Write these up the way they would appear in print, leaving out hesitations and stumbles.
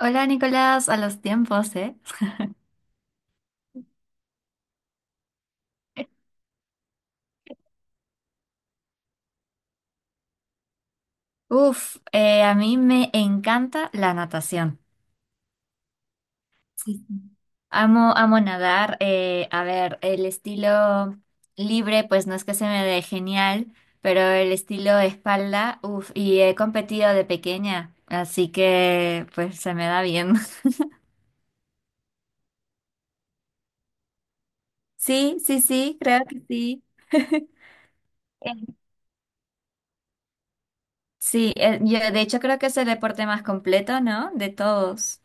Hola Nicolás, a los tiempos, ¿eh? Uf, a mí me encanta la natación. Sí, sí. Amo nadar. A ver, el estilo libre, pues no es que se me dé genial, pero el estilo espalda, uf, y he competido de pequeña, así que pues se me da bien. Sí, sí, sí, creo que sí. Eh, Sí, yo de hecho creo que es el deporte más completo, ¿no? De todos.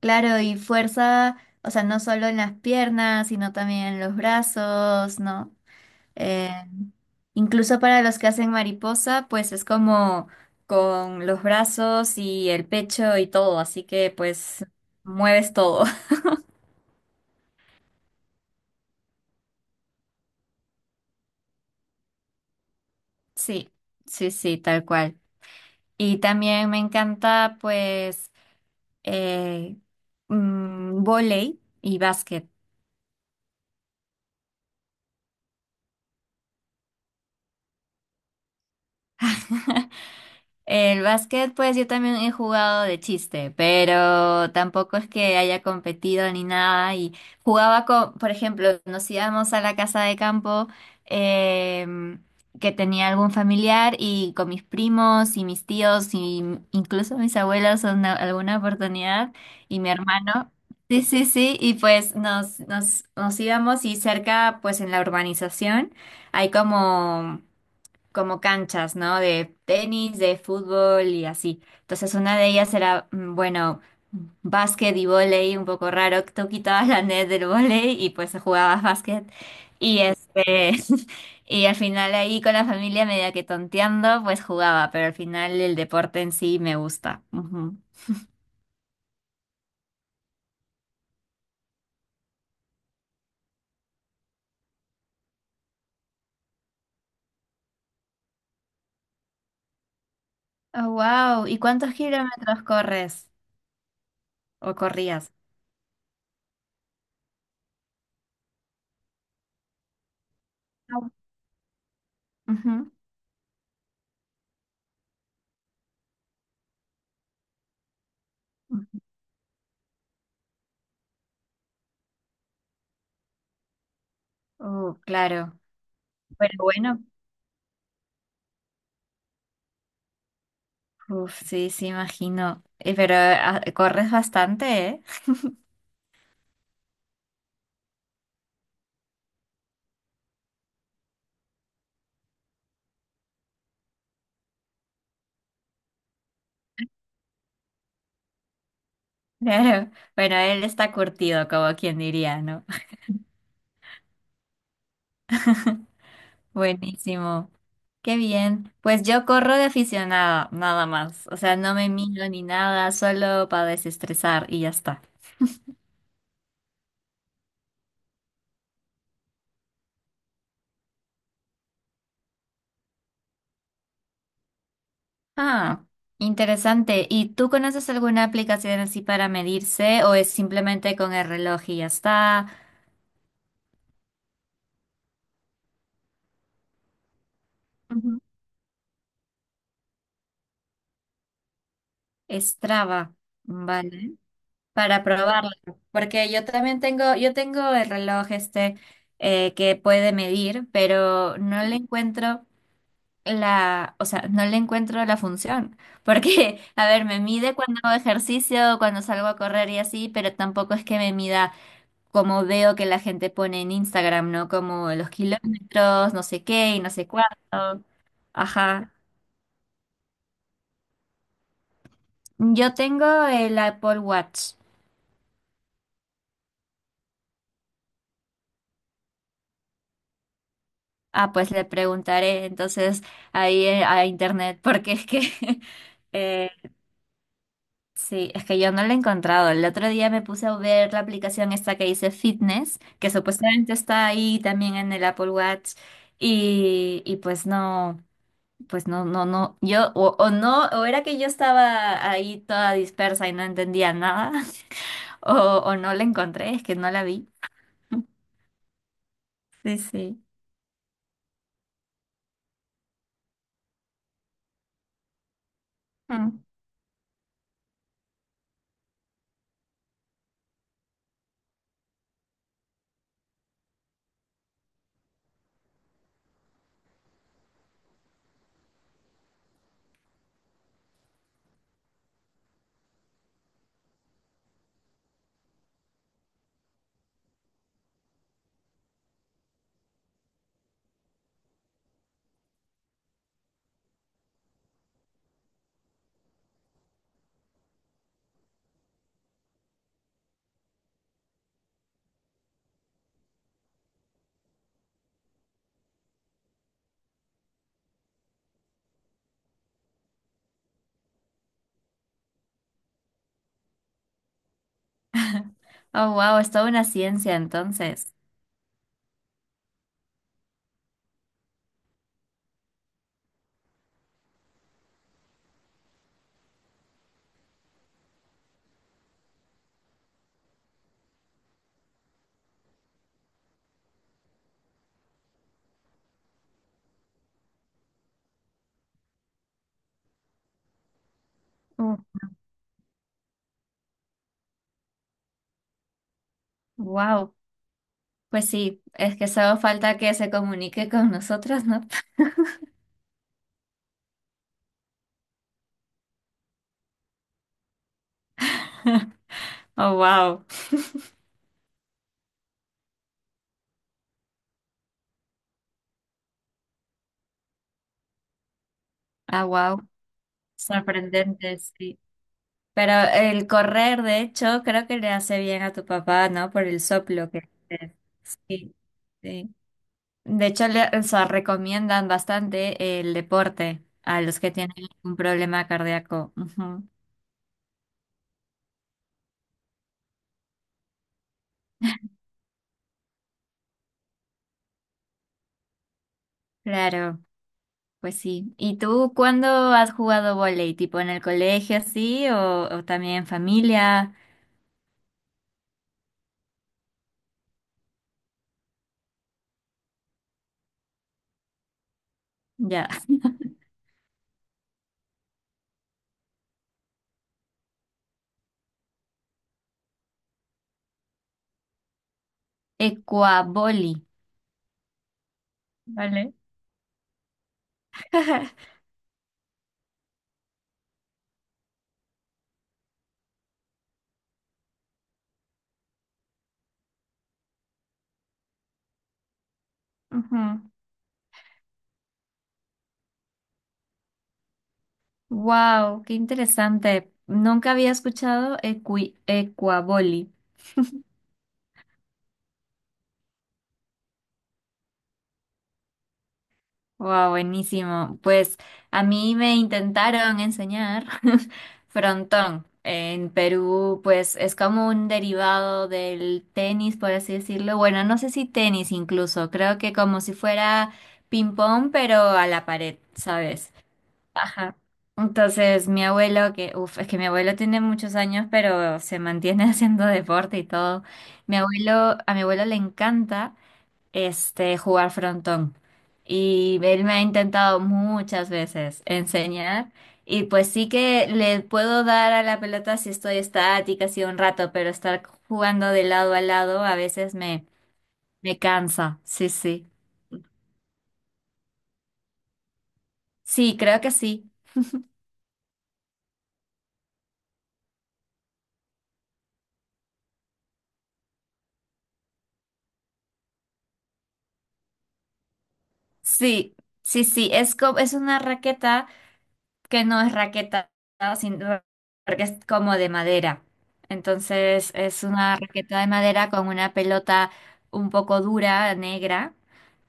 Claro, y fuerza, o sea, no solo en las piernas, sino también en los brazos, ¿no? Eh, Incluso para los que hacen mariposa, pues es como con los brazos y el pecho y todo, así que pues mueves todo. Sí, sí, sí, tal cual. Y también me encanta pues eh, vóley y básquet. El básquet, pues yo también he jugado de chiste, pero tampoco es que haya competido ni nada. Y jugaba con, por ejemplo, nos íbamos a la casa de campo em, que tenía algún familiar y con mis primos y mis tíos y incluso mis abuelos en alguna oportunidad y mi hermano. Sí, sí, sí, y pues nos, nos íbamos y cerca, pues en la urbanización hay como canchas, ¿no? De tenis, de fútbol y así. Entonces una de ellas era, mm, bueno, básquet y vóley, un poco raro, que tú quitabas la net del vóley y pues jugabas básquet. Y este, y al final ahí con la familia, media que tonteando, pues jugaba, pero al final el deporte en sí me gusta. Ujú. Oh, wow. ¿Y cuántos kilómetros corres o corrías? Au. Ujú. Oh, claro. Pero bueno, uf, sí, sí, imagino. Pero ah, corres bastante, ¿eh? Claro. Bueno, él está curtido, como quien diría, ¿no? Buenísimo. Qué bien. Pues yo corro de aficionada, nada más. O sea, no me miro ni nada, solo para desestresar y ya está. Ah, interesante. ¿Y tú conoces alguna aplicación así para medirse o es simplemente con el reloj y ya está? Ujú. Strava. Vale. Para probarla, porque yo también tengo, yo tengo el reloj este que puede medir, pero no le encuentro la, o sea, no le encuentro la función, porque, a ver, me mide cuando hago ejercicio, cuando salgo a correr y así, pero tampoco es que me mida como veo que la gente pone en Instagram, ¿no? Como los kilómetros, no sé qué y no sé cuánto. Ajá. Yo tengo el Apple Watch. Ah, pues le preguntaré entonces ahí a internet, porque es que eh, sí, es que yo no lo he encontrado. El otro día me puse a ver la aplicación esta que dice Fitness, que supuestamente está ahí también en el Apple Watch, y pues no, no, no, yo, o no, o era que yo estaba ahí toda dispersa y no entendía nada, o, o no la encontré, es que no la vi. Sí, sí. Mm. Oh, wow, es toda una ciencia entonces. Wow, pues sí, es que solo falta que se comunique con nosotros, ¿no? Oh, wow, ah, wow, sorprendente, sí. Pero el correr, de hecho, creo que le hace bien a tu papá, ¿no? Por el soplo que que- sí, sí. De hecho, le, o sea, recomiendan bastante el deporte a los que tienen un problema cardíaco. Ujú. Claro, pues sí. ¿Y tú cuándo has jugado vóley? ¿Tipo en el colegio, así, o también en familia? Ya. Ecuaboli. ¿Vale? Wow, qué interesante. Nunca había escuchado ecuaboli. Wow, buenísimo. Pues a mí me intentaron enseñar frontón. En Perú, pues es como un derivado del tenis, por así decirlo. Bueno, no sé si tenis incluso. Creo que como si fuera ping pong, pero a la pared, ¿sabes? Ajá. Entonces, mi abuelo, que, uf, es que mi abuelo tiene muchos años, pero se mantiene haciendo deporte y todo. Mi abuelo, a mi abuelo le encanta este jugar frontón. Y él me ha intentado muchas veces enseñar. Y pues sí que le puedo dar a la pelota si estoy estática, así un rato, pero estar jugando de lado a lado a veces me, me cansa. Sí, sí. Sí, creo que sí. Sí, sí, sí. Es, es una raqueta. Que no es raqueta, sino porque es como de madera. Entonces es una raqueta de madera con una pelota un poco dura, negra,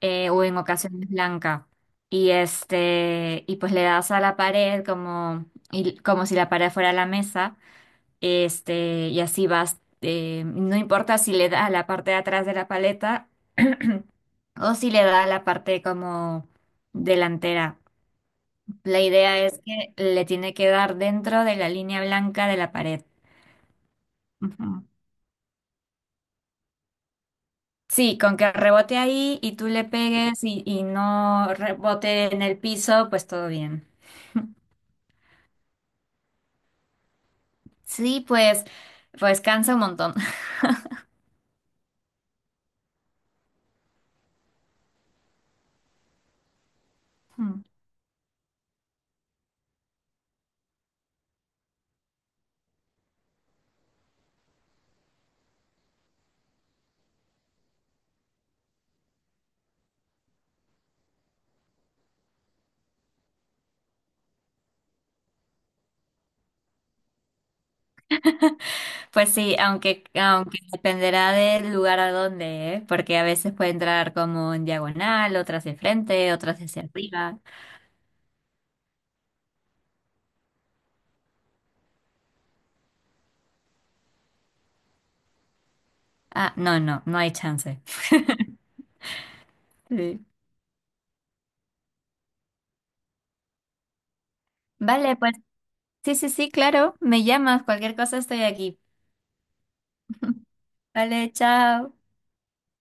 o en ocasiones blanca. Y este, y pues le das a la pared como, como si la pared fuera la mesa, este, y así vas, no importa si le da a la parte de atrás de la paleta o si le da a la parte como delantera. La idea es que le tiene que dar dentro de la línea blanca de la pared. Ujú. Sí, con que rebote ahí y tú le pegues y no rebote en el piso, pues todo bien. Sí, pues, pues cansa un montón. Mm. Pues sí, aunque, aunque dependerá del lugar a donde, ¿eh? Porque a veces puede entrar como en diagonal, otras de frente, otras hacia arriba. Ah, no, no, no hay chance. Sí. Vale, pues sí, sí, sí, claro, me llamas, cualquier cosa estoy aquí. Vale, chao.